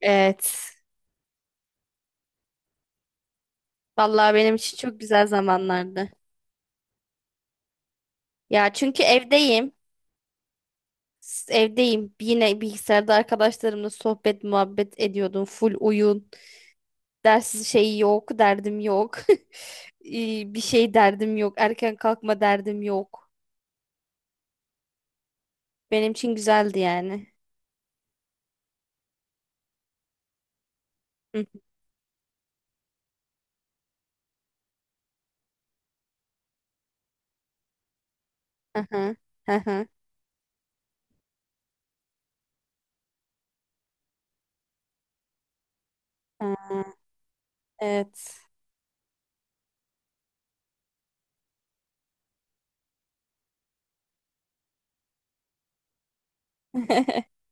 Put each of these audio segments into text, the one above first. Evet. Vallahi benim için çok güzel zamanlardı. Ya çünkü evdeyim. Evdeyim. Yine bilgisayarda arkadaşlarımla sohbet muhabbet ediyordum. Full oyun. Ders şeyi yok. Derdim yok. İyi, bir şey derdim yok. Erken kalkma derdim yok. Benim için güzeldi yani. Hı, aha, hı hı. Evet.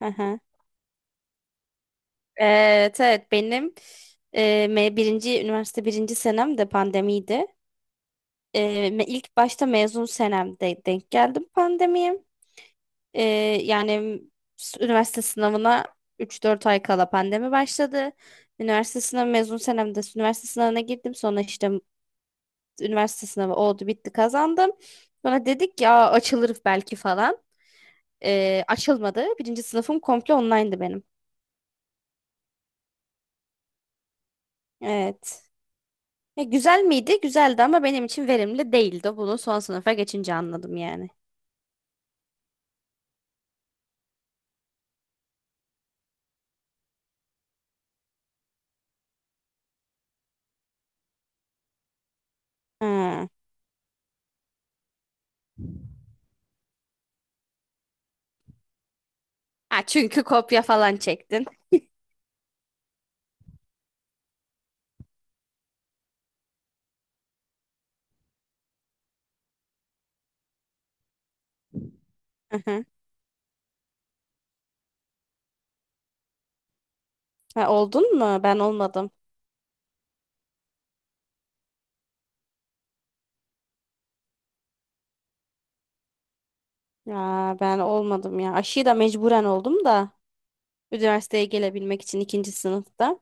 Aha, evet evet, benim e, birinci üniversite birinci senem de pandemiydi. İlk başta mezun senemde denk geldim pandemiye. Ee, Yani, üniversite sınavına 3-4 ay kala pandemi başladı. Üniversite sınavı mezun senemde üniversite sınavına girdim. Sonra işte üniversite sınavı oldu bitti kazandım. Sonra dedik ya açılır belki falan. Açılmadı. Birinci sınıfım komple online'dı benim. Evet. Ya güzel miydi? Güzeldi ama benim için verimli değildi. Bunu son sınıfa geçince anladım yani. Ha. Ha, çünkü kopya falan çektin. Hı hı. Ha, oldun mu? Ben olmadım. Ya ben olmadım ya. Aşıyı da mecburen oldum da üniversiteye gelebilmek için ikinci sınıfta.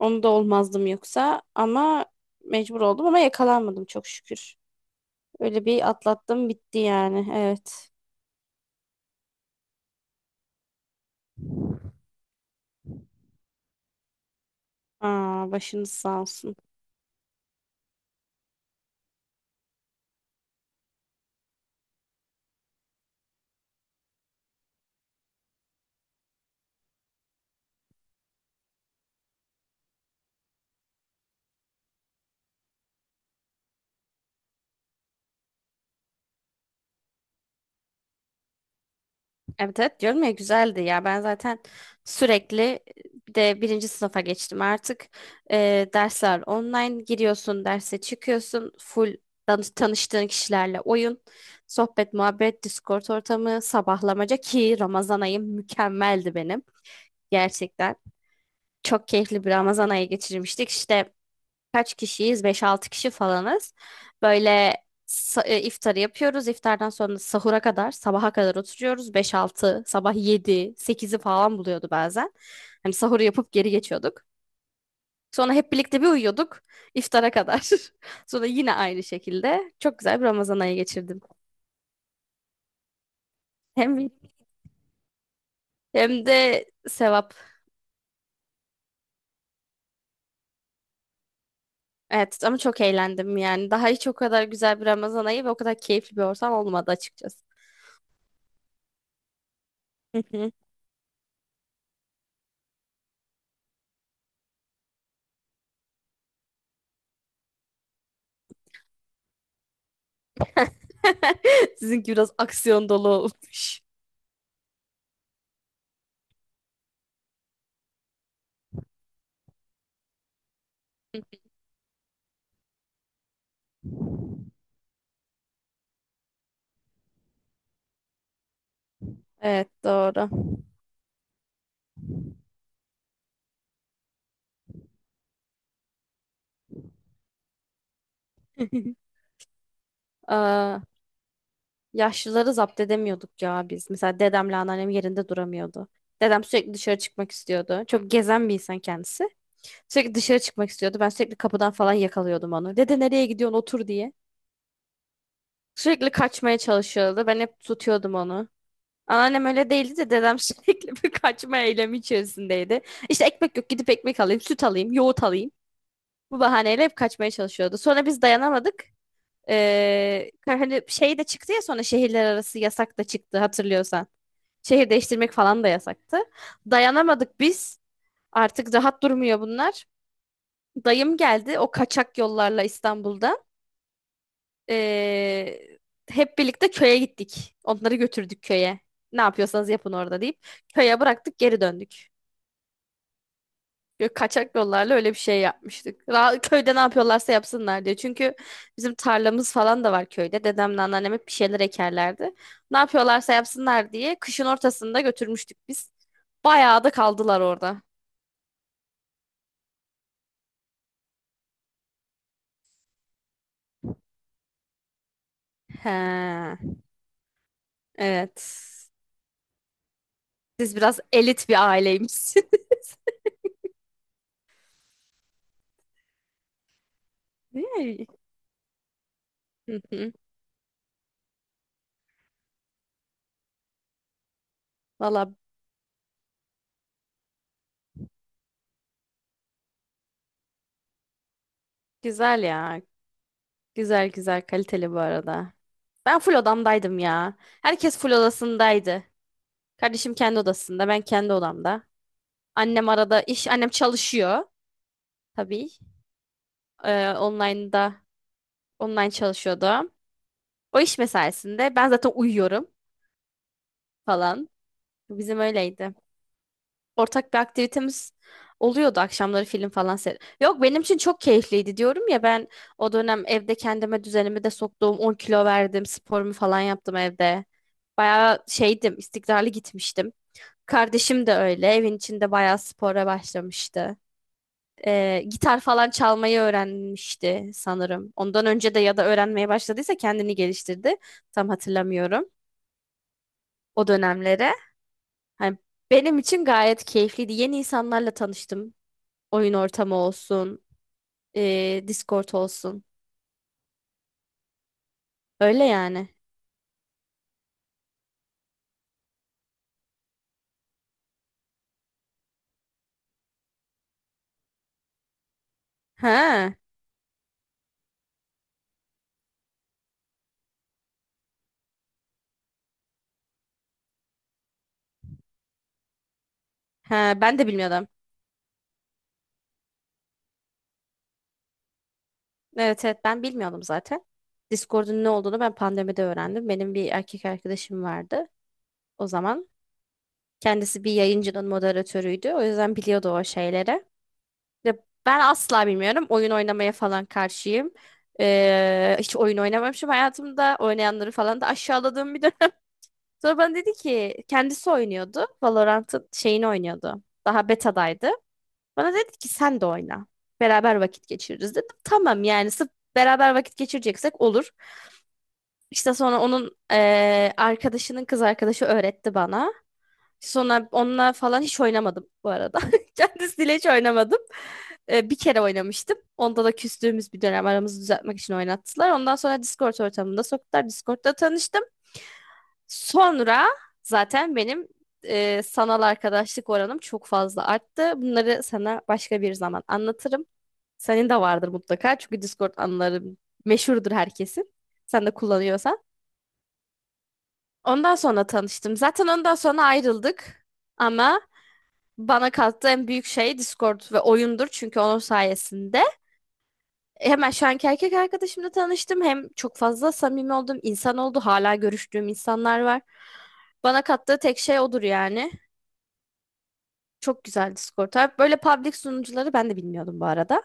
Onu da olmazdım yoksa ama mecbur oldum ama yakalanmadım çok şükür. Öyle bir atlattım bitti yani. Evet. Aa, başınız sağ olsun. Evet evet, diyorum ya güzeldi ya, ben zaten sürekli, bir de birinci sınıfa geçtim artık. Dersler online, giriyorsun derse çıkıyorsun, full tanıştığın kişilerle oyun, sohbet muhabbet, Discord ortamı, sabahlamaca, ki Ramazan ayım mükemmeldi benim. Gerçekten çok keyifli bir Ramazan ayı geçirmiştik işte. Kaç kişiyiz? Beş-altı kişi falanız. Böyle iftarı yapıyoruz. İftardan sonra sahura kadar, sabaha kadar oturuyoruz. Beş-altı, sabah 7, sekizi falan buluyordu bazen. Hani sahuru yapıp geri geçiyorduk. Sonra hep birlikte bir uyuyorduk iftara kadar. Sonra yine aynı şekilde çok güzel bir Ramazan ayı geçirdim. Hem hem de sevap. Evet ama çok eğlendim yani. Daha hiç o kadar güzel bir Ramazan ayı ve o kadar keyifli bir ortam olmadı açıkçası. Sizinki biraz aksiyon dolu olmuş. Evet, doğru. Aa, yaşlıları zapt edemiyorduk ya biz. Mesela dedemle anneannem yerinde duramıyordu. Dedem sürekli dışarı çıkmak istiyordu. Çok gezen bir insan kendisi. Sürekli dışarı çıkmak istiyordu. Ben sürekli kapıdan falan yakalıyordum onu. Dede nereye gidiyorsun otur diye. Sürekli kaçmaya çalışıyordu. Ben hep tutuyordum onu. Anneannem öyle değildi de dedem sürekli bir kaçma eylemi içerisindeydi. İşte ekmek yok, gidip ekmek alayım, süt alayım, yoğurt alayım. Bu bahaneyle hep kaçmaya çalışıyordu. Sonra biz dayanamadık. Ee, Hani şey de çıktı ya, sonra şehirler arası yasak da çıktı hatırlıyorsan. Şehir değiştirmek falan da yasaktı. Dayanamadık biz. Artık rahat durmuyor bunlar. Dayım geldi o kaçak yollarla İstanbul'da. Ee, Hep birlikte köye gittik. Onları götürdük köye. Ne yapıyorsanız yapın orada deyip köye bıraktık, geri döndük. Yok, kaçak yollarla öyle bir şey yapmıştık. Köyde ne yapıyorlarsa yapsınlar diye. Çünkü bizim tarlamız falan da var köyde. Dedemle anneannem hep bir şeyler ekerlerdi. Ne yapıyorlarsa yapsınlar diye kışın ortasında götürmüştük biz. Bayağı da kaldılar orada. He, evet. Siz biraz elit bir aileymişsiniz. Değil mi? Hı hı. Valla güzel ya. Güzel güzel, kaliteli bu arada. Ben full odamdaydım ya. Herkes full odasındaydı. Kardeşim kendi odasında, ben kendi odamda. Annem arada iş, annem çalışıyor tabii. Ee, online'da, online çalışıyordu. O iş mesaisinde ben zaten uyuyorum falan. Bizim öyleydi. Ortak bir aktivitemiz oluyordu akşamları, film falan seyret. Yok, benim için çok keyifliydi diyorum ya, ben o dönem evde kendime düzenimi de soktum. 10 kilo verdim, sporumu falan yaptım evde. Bayağı şeydim, istikrarlı gitmiştim. Kardeşim de öyle. Evin içinde bayağı spora başlamıştı. Gitar falan çalmayı öğrenmişti sanırım. Ondan önce de ya da öğrenmeye başladıysa kendini geliştirdi. Tam hatırlamıyorum o dönemlere. Hani benim için gayet keyifliydi. Yeni insanlarla tanıştım. Oyun ortamı olsun, Discord olsun. Öyle yani. Ha, ha, ben de bilmiyordum. Evet evet, ben bilmiyordum zaten. Discord'un ne olduğunu ben pandemide öğrendim. Benim bir erkek arkadaşım vardı o zaman. Kendisi bir yayıncının moderatörüydü. O yüzden biliyordu o şeyleri. Ya ben asla bilmiyorum. Oyun oynamaya falan karşıyım. Hiç oyun oynamamışım hayatımda. Oynayanları falan da aşağıladığım bir dönem. Sonra bana dedi ki, kendisi oynuyordu. Valorant'ın şeyini oynuyordu. Daha betadaydı. Bana dedi ki sen de oyna. Beraber vakit geçiririz, dedim. Tamam yani, sırf beraber vakit geçireceksek olur. İşte sonra onun arkadaşının kız arkadaşı öğretti bana. Sonra onunla falan hiç oynamadım bu arada. Kendisiyle hiç oynamadım. Bir kere oynamıştım. Onda da küstüğümüz bir dönem aramızı düzeltmek için oynattılar. Ondan sonra Discord ortamında soktular. Discord'da tanıştım. Sonra zaten benim sanal arkadaşlık oranım çok fazla arttı. Bunları sana başka bir zaman anlatırım. Senin de vardır mutlaka. Çünkü Discord anıları meşhurdur herkesin. Sen de kullanıyorsan. Ondan sonra tanıştım. Zaten ondan sonra ayrıldık. Ama bana kattığı en büyük şey Discord ve oyundur. Çünkü onun sayesinde hemen şu anki erkek arkadaşımla tanıştım. Hem çok fazla samimi olduğum insan oldu. Hala görüştüğüm insanlar var. Bana kattığı tek şey odur yani. Çok güzel Discord. Ha, böyle public sunucuları ben de bilmiyordum bu arada.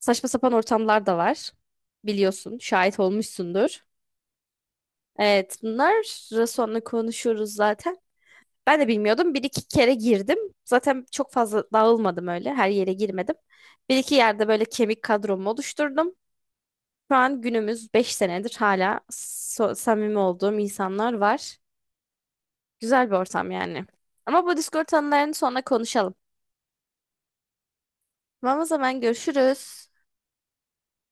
Saçma sapan ortamlar da var. Biliyorsun, şahit olmuşsundur. Evet, bunlar sonra konuşuruz zaten. Ben de bilmiyordum. Bir iki kere girdim. Zaten çok fazla dağılmadım öyle. Her yere girmedim. Bir iki yerde böyle kemik kadromu oluşturdum. Şu an günümüz 5 senedir hala samimi olduğum insanlar var. Güzel bir ortam yani. Ama bu Discord anılarını sonra konuşalım. Tamam, o zaman görüşürüz.